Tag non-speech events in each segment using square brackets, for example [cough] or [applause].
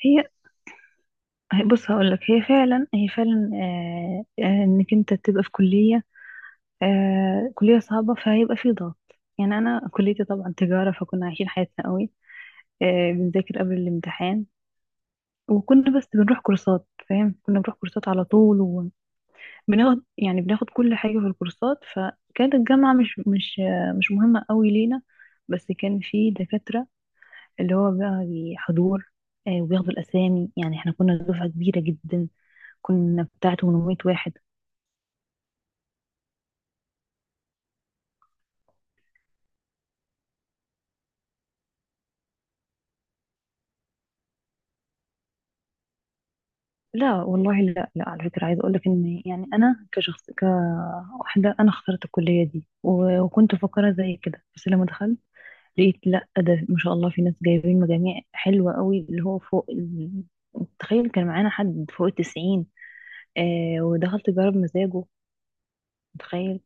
هي بص هقولك، هي فعلا انك انت تبقى في كلية كلية صعبة، فهيبقى في ضغط. يعني انا كليتي طبعا تجارة، فكنا عايشين حياتنا قوي، بنذاكر قبل الامتحان. وكنا بس بنروح كورسات، فاهم؟ كنا بنروح كورسات على طول، وبناخد، يعني بناخد كل حاجة في الكورسات. فكانت الجامعة مش مهمة قوي لينا. بس كان في دكاترة اللي هو بقى حضور، وبياخدوا الأسامي. يعني احنا كنا دفعة كبيرة جدا، كنا بتاع 800 واحد. لا والله، لا لا على فكرة، عايزة أقولك إن يعني أنا كشخص كواحدة أنا اخترت الكلية دي وكنت مفكرة زي كده. بس لما دخلت لقيت لا، ده ما شاء الله في ناس جايبين مجاميع حلوة قوي اللي هو فوق تخيل كان معانا حد فوق التسعين. ودخلت جرب مزاجه. تخيل.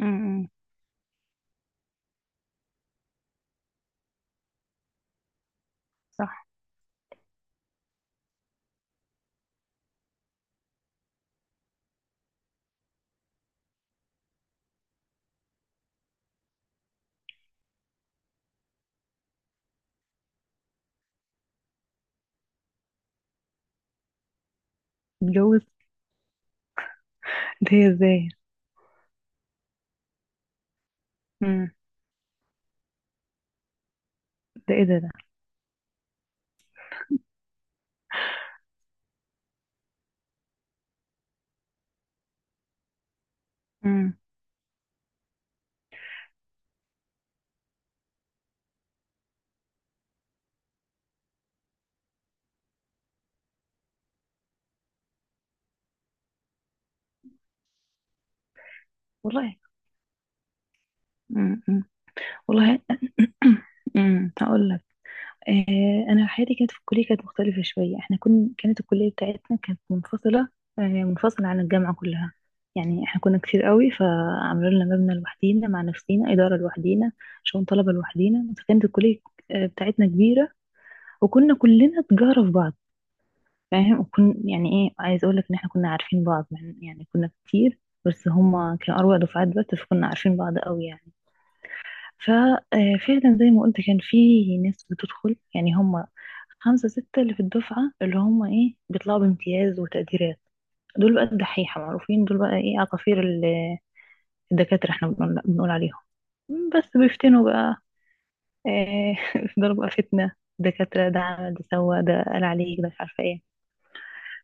امم. صح. اتجوز؟ ده إيه؟ ازاي؟ امم. ده ايه ده ده؟ امم. والله. امم. والله. [clears throat] امم، هقول انا حياتي كانت في الكليه، كانت مختلفه شويه. احنا كنا، كانت الكليه بتاعتنا كانت منفصله، منفصله عن الجامعه كلها. يعني احنا كنا كتير قوي، فعملوا لنا مبنى لوحدينا مع نفسينا، اداره لوحدينا، شؤون طلبه لوحدينا. فكانت الكليه بتاعتنا كبيره، وكنا كلنا تجاره في بعض، فاهم؟ وكن، يعني ايه، عايز اقول لك ان احنا كنا عارفين بعض مع يعني كنا كتير، بس هما كانوا أروع دفعات. بس فكنا عارفين بعض قوي يعني. ففعلا زي ما قلت، كان في ناس بتدخل، يعني هم خمسة ستة اللي في الدفعة، اللي هم ايه، بيطلعوا بامتياز وتقديرات. دول بقى الدحيحة، معروفين. دول بقى ايه، عصافير الدكاترة، احنا بنقول عليهم. بس بيفتنوا بقى، إيه. [laughs] يفضلوا بقى فتنة. دكاترة، ده عمل، ده سوى، ده قال عليك، ده مش عارفة ايه.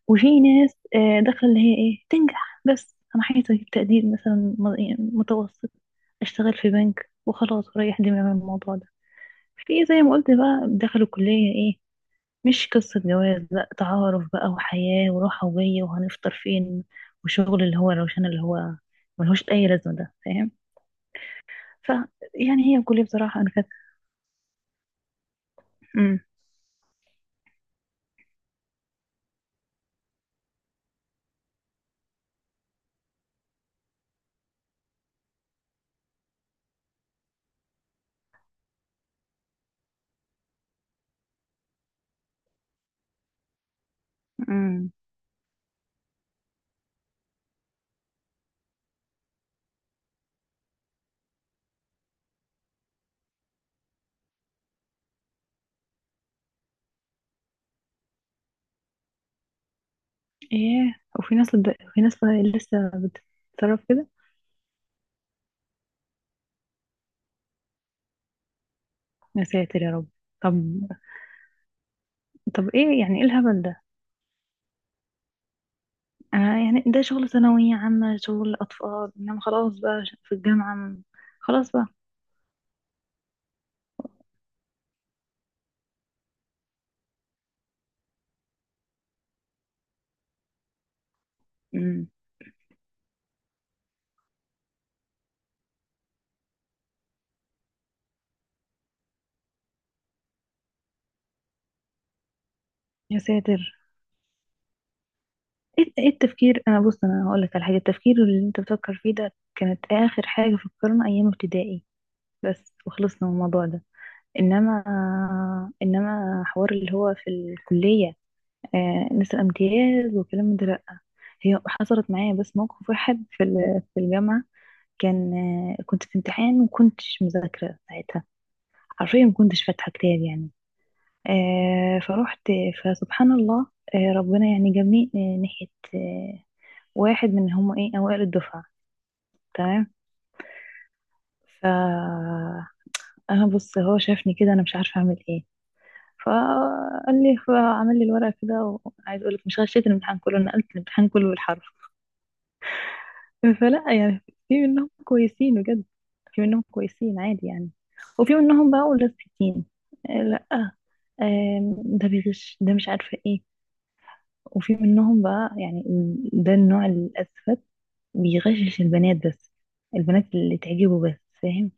وفي ناس داخلة اللي هي ايه، تنجح بس، انا عايزة اجيب تقدير مثلا إيه، متوسط، اشتغل في بنك وخلاص وريح دماغي من الموضوع ده. في زي ما قلت بقى، دخلوا كلية ايه، مش قصة جواز، لا، تعارف بقى وحياة وراحة وجاية وهنفطر فين، وشغل اللي هو روشان اللي هو ملهوش أي لازمة، ده فاهم. ف، يعني هي الكلية بصراحة أنا كانت. أمم. أمم. إيه، وفي ناس في ناس لسه بتتصرف كده. يا ساتر يا رب. طب. طب إيه، يعني إيه الهبل ده؟ أنا يعني ده شغل ثانوية عامة، شغل أطفال. إنما خلاص بقى في الجامعة، خلاص بقى. أمم. يا ساتر. ايه، إيه التفكير، انا بص، انا هقول لك على حاجه. التفكير اللي انت بتفكر فيه ده كانت اخر حاجه فكرنا ايام ابتدائي بس، وخلصنا من الموضوع ده. انما، انما حوار اللي هو في الكليه نسأل امتياز وكلام من ده، لا. هي حصلت معايا بس موقف واحد في في الجامعه، كان، كنت في امتحان وكنتش مذاكره ساعتها. حرفيا ما كنتش فاتحه كتاب يعني. فروحت، فسبحان الله، ربنا يعني جابني ناحيه آه، واحد من هم ايه، اوائل الدفعة. تمام. ف، انا بص، هو شافني كده انا مش عارفة اعمل ايه. فقال لي، فعمل لي الورقة كده. وعايز اقول لك، مش غشيت الامتحان كله، نقلت الامتحان كله بالحرف. فلا، يعني في منهم كويسين بجد. في منهم كويسين عادي يعني. وفي منهم بقى ولاستيكين، لا. ده بيغش، ده مش عارفة ايه. وفي منهم بقى يعني ده النوع الأسفل، بيغشش البنات بس، البنات اللي تعجبه بس، فاهم؟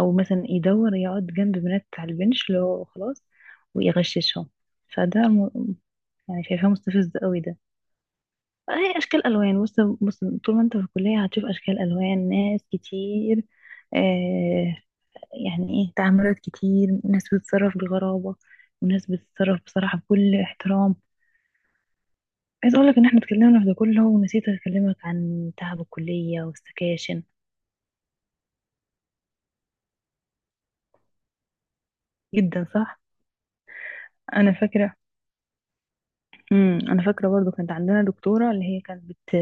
او مثلا يدور يقعد جنب بنات على البنش اللي هو خلاص، ويغششهم. فده يعني شايفاه مستفز قوي ده. هي اشكال الوان، بص. بص. طول ما انت في الكليه هتشوف اشكال الوان، ناس كتير، آه يعني ايه، تعاملات كتير، ناس بتتصرف بغرابه، وناس بتتصرف بصراحه بكل احترام. عايز اقول لك ان احنا اتكلمنا في ده كله ونسيت اكلمك عن تعب الكليه والسكاشن. جدا صح. انا فاكره. امم، انا فاكره برضو. كانت عندنا دكتوره اللي هي كانت بت،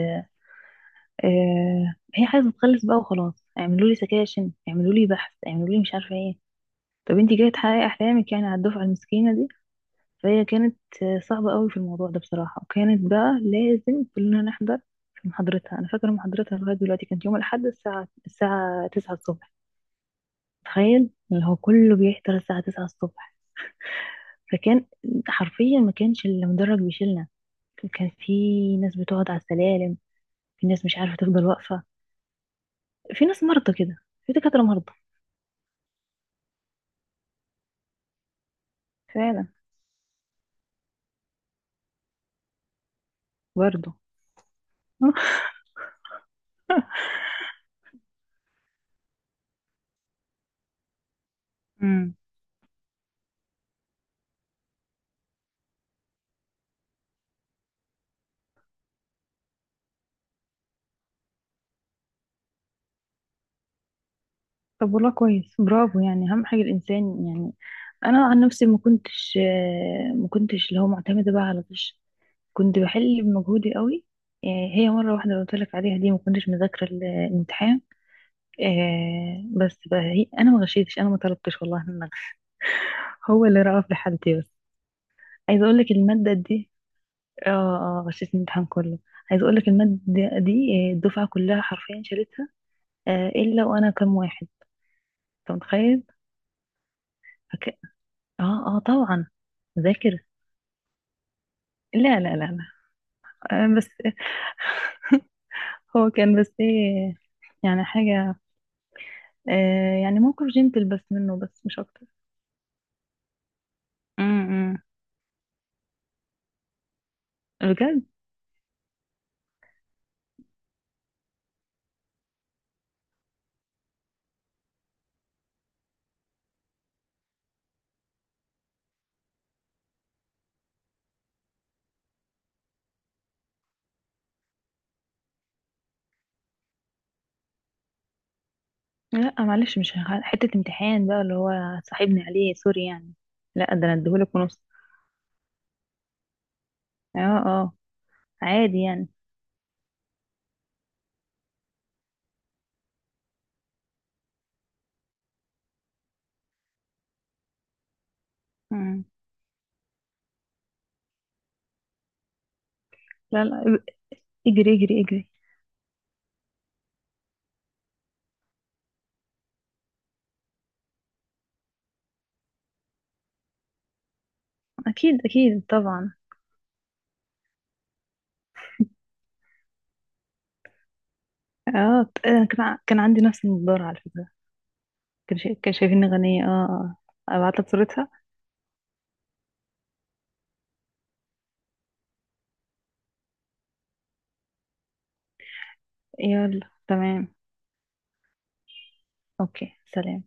هي عايزه تخلص بقى وخلاص، اعملوا لي سكاشن، اعملوا لي بحث، اعملوا لي مش عارفه ايه. طب انت جايه تحققي احلامك يعني على الدفعه المسكينه دي؟ فهي كانت صعبه قوي في الموضوع ده بصراحه، وكانت بقى لازم كلنا نحضر في محاضرتها. انا فاكره محاضرتها لغايه دلوقتي، كانت يوم الاحد الساعه 9 الصبح. تخيل، اللي هو كله بيحضر الساعه 9 الصبح. فكان حرفيا ما كانش المدرج بيشيلنا. كان في ناس بتقعد على السلالم، في ناس مش عارفه تفضل واقفه، في ناس مرضى كده، في دكاتره مرضى. فعلا. برضه. [laughs] امم. طب والله كويس، برافو. يعني اهم حاجه الانسان، يعني انا عن نفسي ما كنتش، ما كنتش اللي هو معتمده بقى على طش، كنت بحل بمجهودي قوي. آه، هي مره واحده قلت لك عليها دي ما كنتش مذاكره الامتحان. بس بقى هي انا ما غشيتش، انا ما طلبتش والله إن أغش. هو اللي رأى في حالتي بس. عايزه اقول لك الماده دي. اه اه، غشيت الامتحان كله. عايزه اقول لك الماده دي، الدفعه كلها حرفيا شالتها، الا وانا كام واحد. انت متخيل؟ اه اه طبعا. ذاكر. لا لا لا لا، بس [laughs] هو كان بس ايه، يعني حاجة، يعني موقف جنتل بس منه، بس مش أكتر. امم. بجد. لا معلش، مش حتة امتحان بقى اللي هو صاحبني عليه، سوري يعني. لا ده أنا اديهولك ونص. اه اه. عادي يعني. مم. لا لا، اجري اجري اجري. أكيد أكيد طبعا. اه، آه، كان عندي نفس النضارة على فكرة. كان شايفيني غنية. اه اه. أبعت لك صورتها. يلا تمام. اوكي سلام.